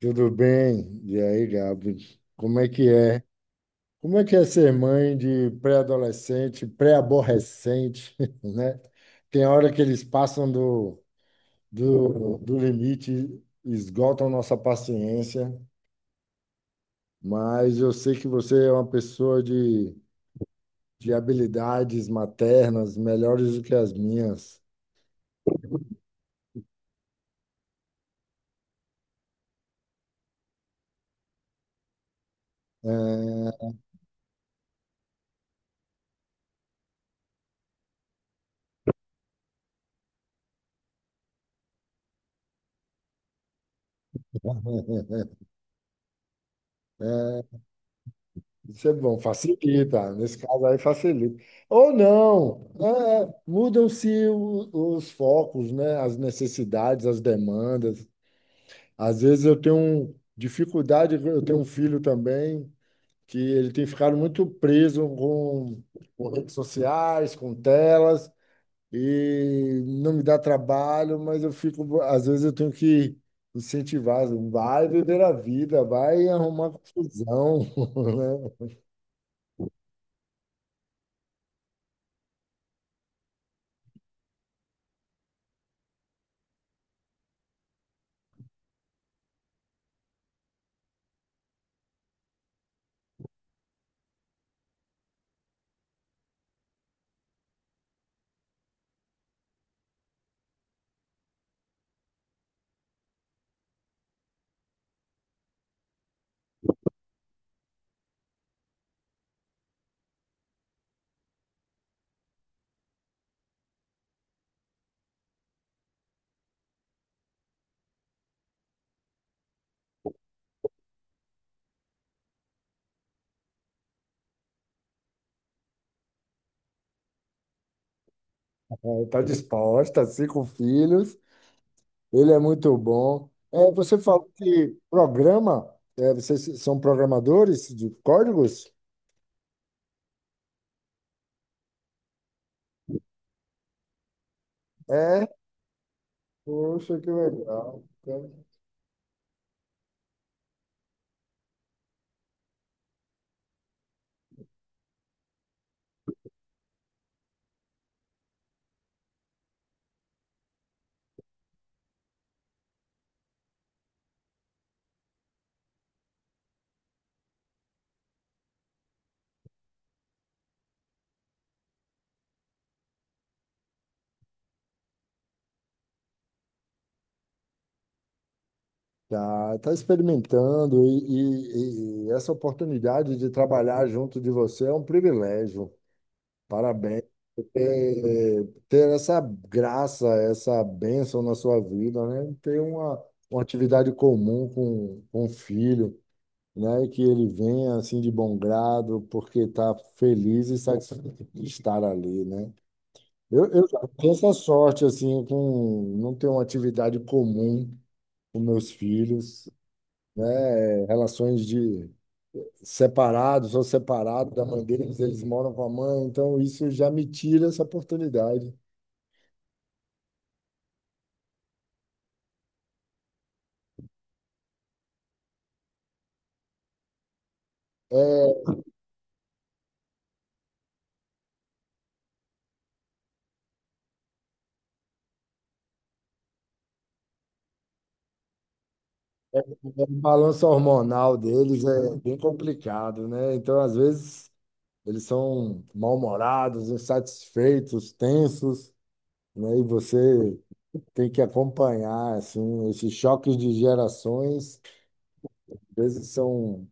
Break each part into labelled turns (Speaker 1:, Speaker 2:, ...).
Speaker 1: Tudo bem? E aí, Gabi? Como é que é? Como é que é ser mãe de pré-adolescente, pré-aborrecente, né? Tem hora que eles passam do limite, esgotam nossa paciência, mas eu sei que você é uma pessoa de habilidades maternas melhores do que as minhas. É, é, Isso é bom, facilita. Nesse caso aí, facilita. Ou não, é, mudam-se os focos, né? As necessidades, as demandas. Às vezes eu tenho dificuldade, eu tenho um filho também, que ele tem ficado muito preso com redes sociais, com telas, e não me dá trabalho, mas eu fico, às vezes eu tenho que incentivar, vai viver a vida, vai arrumar confusão, né? Está disposta, cinco filhos, ele é muito bom. É, você falou que programa, é, vocês são programadores de códigos? É, poxa, que legal. Tá, tá experimentando e essa oportunidade de trabalhar junto de você é um privilégio. Parabéns. Ter essa graça, essa bênção na sua vida, né? Ter uma atividade comum com o filho. Né? Que ele venha assim de bom grado, porque está feliz e satisfeito de estar ali, né? Eu já tenho essa sorte assim com não ter uma atividade comum com meus filhos, né? Relações de separados, sou separado da mãe deles, eles moram com a mãe, então isso já me tira essa oportunidade. O balanço hormonal deles é bem complicado, né? Então, às vezes, eles são mal-humorados, insatisfeitos, tensos, né? E você tem que acompanhar assim, esses choques de gerações, às vezes são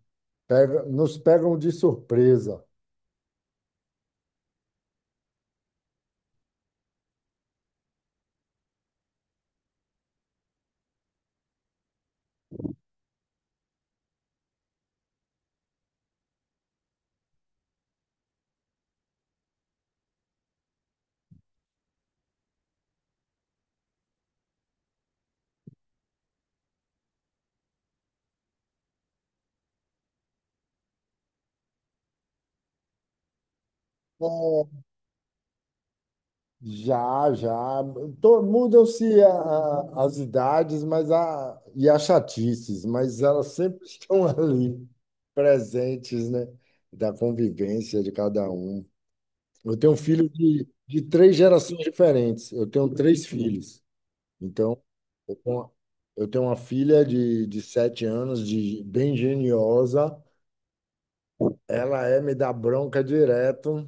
Speaker 1: nos pegam de surpresa. É, já. Mudam-se as idades, mas a, e as chatices, mas elas sempre estão ali, presentes, né? Da convivência de cada um. Eu tenho um filho de três gerações diferentes. Eu tenho três filhos. Então, eu tenho uma eu tenho uma filha de 7 anos, de, bem geniosa. Ela é me dá bronca direto.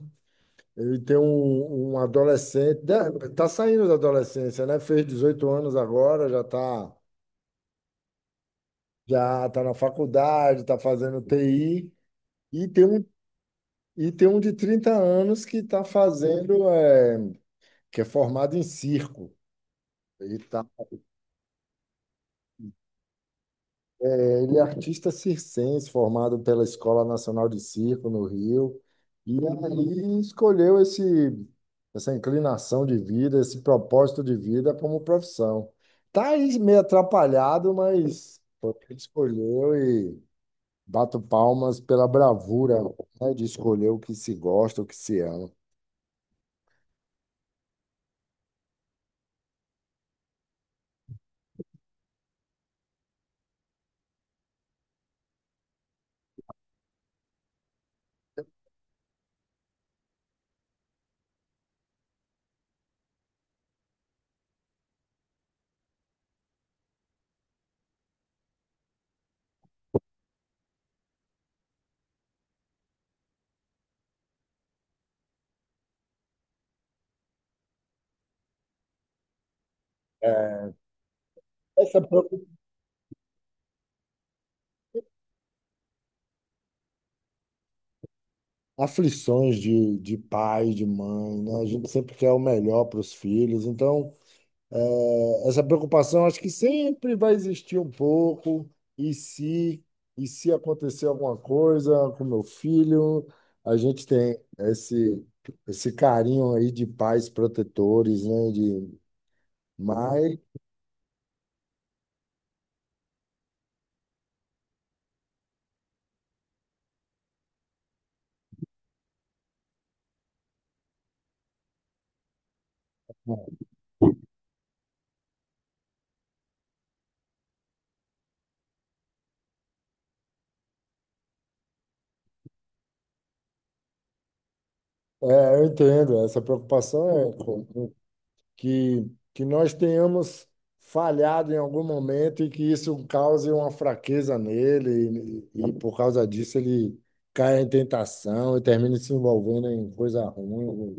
Speaker 1: Eu tenho um adolescente, está saindo da adolescência, né? Fez 18 anos agora, já está já tá na faculdade, está fazendo TI. E tem um, e tem um de 30 anos que está fazendo, é, que é formado em circo. Ele está Ele é artista circense, formado pela Escola Nacional de Circo no Rio, e aí escolheu essa inclinação de vida, esse propósito de vida como profissão. Tá aí meio atrapalhado, mas foi o que ele escolheu e bato palmas pela bravura, né, de escolher o que se gosta, o que se ama. Essa própria- aflições de pai, de mãe, né? A gente sempre quer o melhor para os filhos, então é, essa preocupação acho que sempre vai existir um pouco. E se, e se acontecer alguma coisa com meu filho, a gente tem esse carinho aí de pais protetores, né? De, mas é, eu entendo, essa preocupação é que, que nós tenhamos falhado em algum momento e que isso cause uma fraqueza nele, e por causa disso ele caia em tentação e termine se envolvendo em coisa ruim,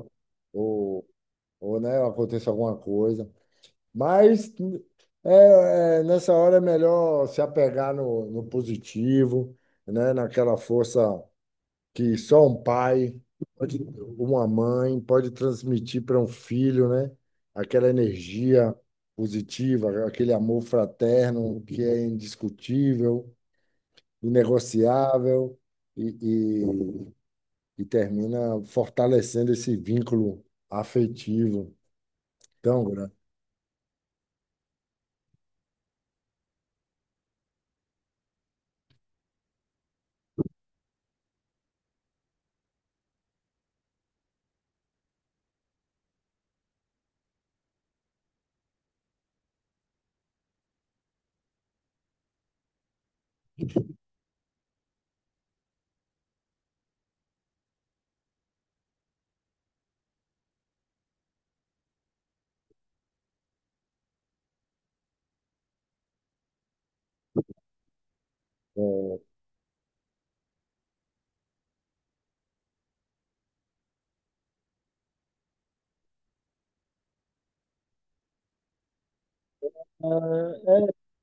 Speaker 1: ou, ou né, aconteça alguma coisa. Mas nessa hora é melhor se apegar no positivo, né, naquela força que só pode- uma mãe pode transmitir para um filho, né? Aquela energia positiva, aquele amor fraterno que é indiscutível, inegociável e, e, e termina fortalecendo esse vínculo afetivo tão grande.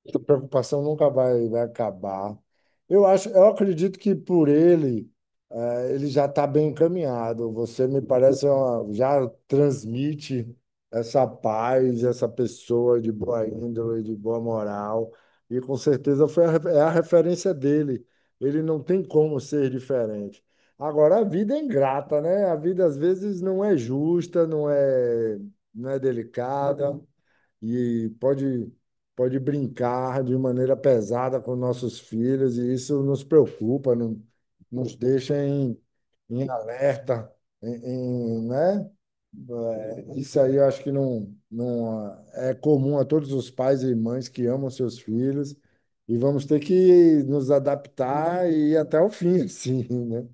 Speaker 1: Essa preocupação nunca vai, vai acabar. Eu acredito que por ele, ele já está bem encaminhado. Você me parece já transmite essa paz, essa pessoa de boa índole, de boa moral, e com certeza foi é a referência dele. Ele não tem como ser diferente. Agora, a vida é ingrata, né? A vida às vezes não é justa, não é delicada e pode brincar de maneira pesada com nossos filhos, e isso nos preocupa, nos deixa em, em alerta, em, em, né? É, isso aí eu acho que não, não é comum a todos os pais e mães que amam seus filhos, e vamos ter que nos adaptar e ir até o fim, assim, né?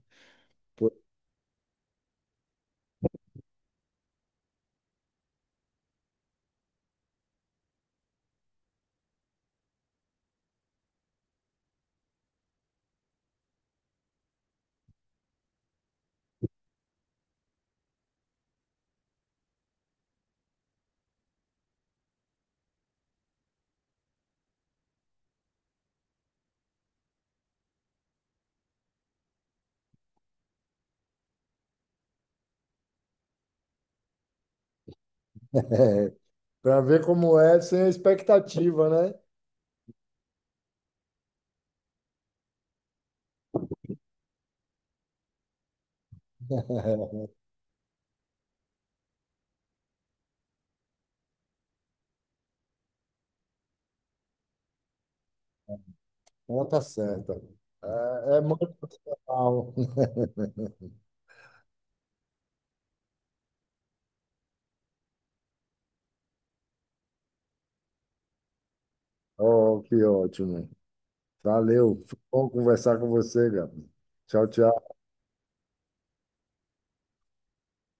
Speaker 1: Para ver como é sem a expectativa, né? Conta certa. É, é muito legal. Oh, que ótimo. Valeu. Foi bom conversar com você, Gabi. Tchau, tchau.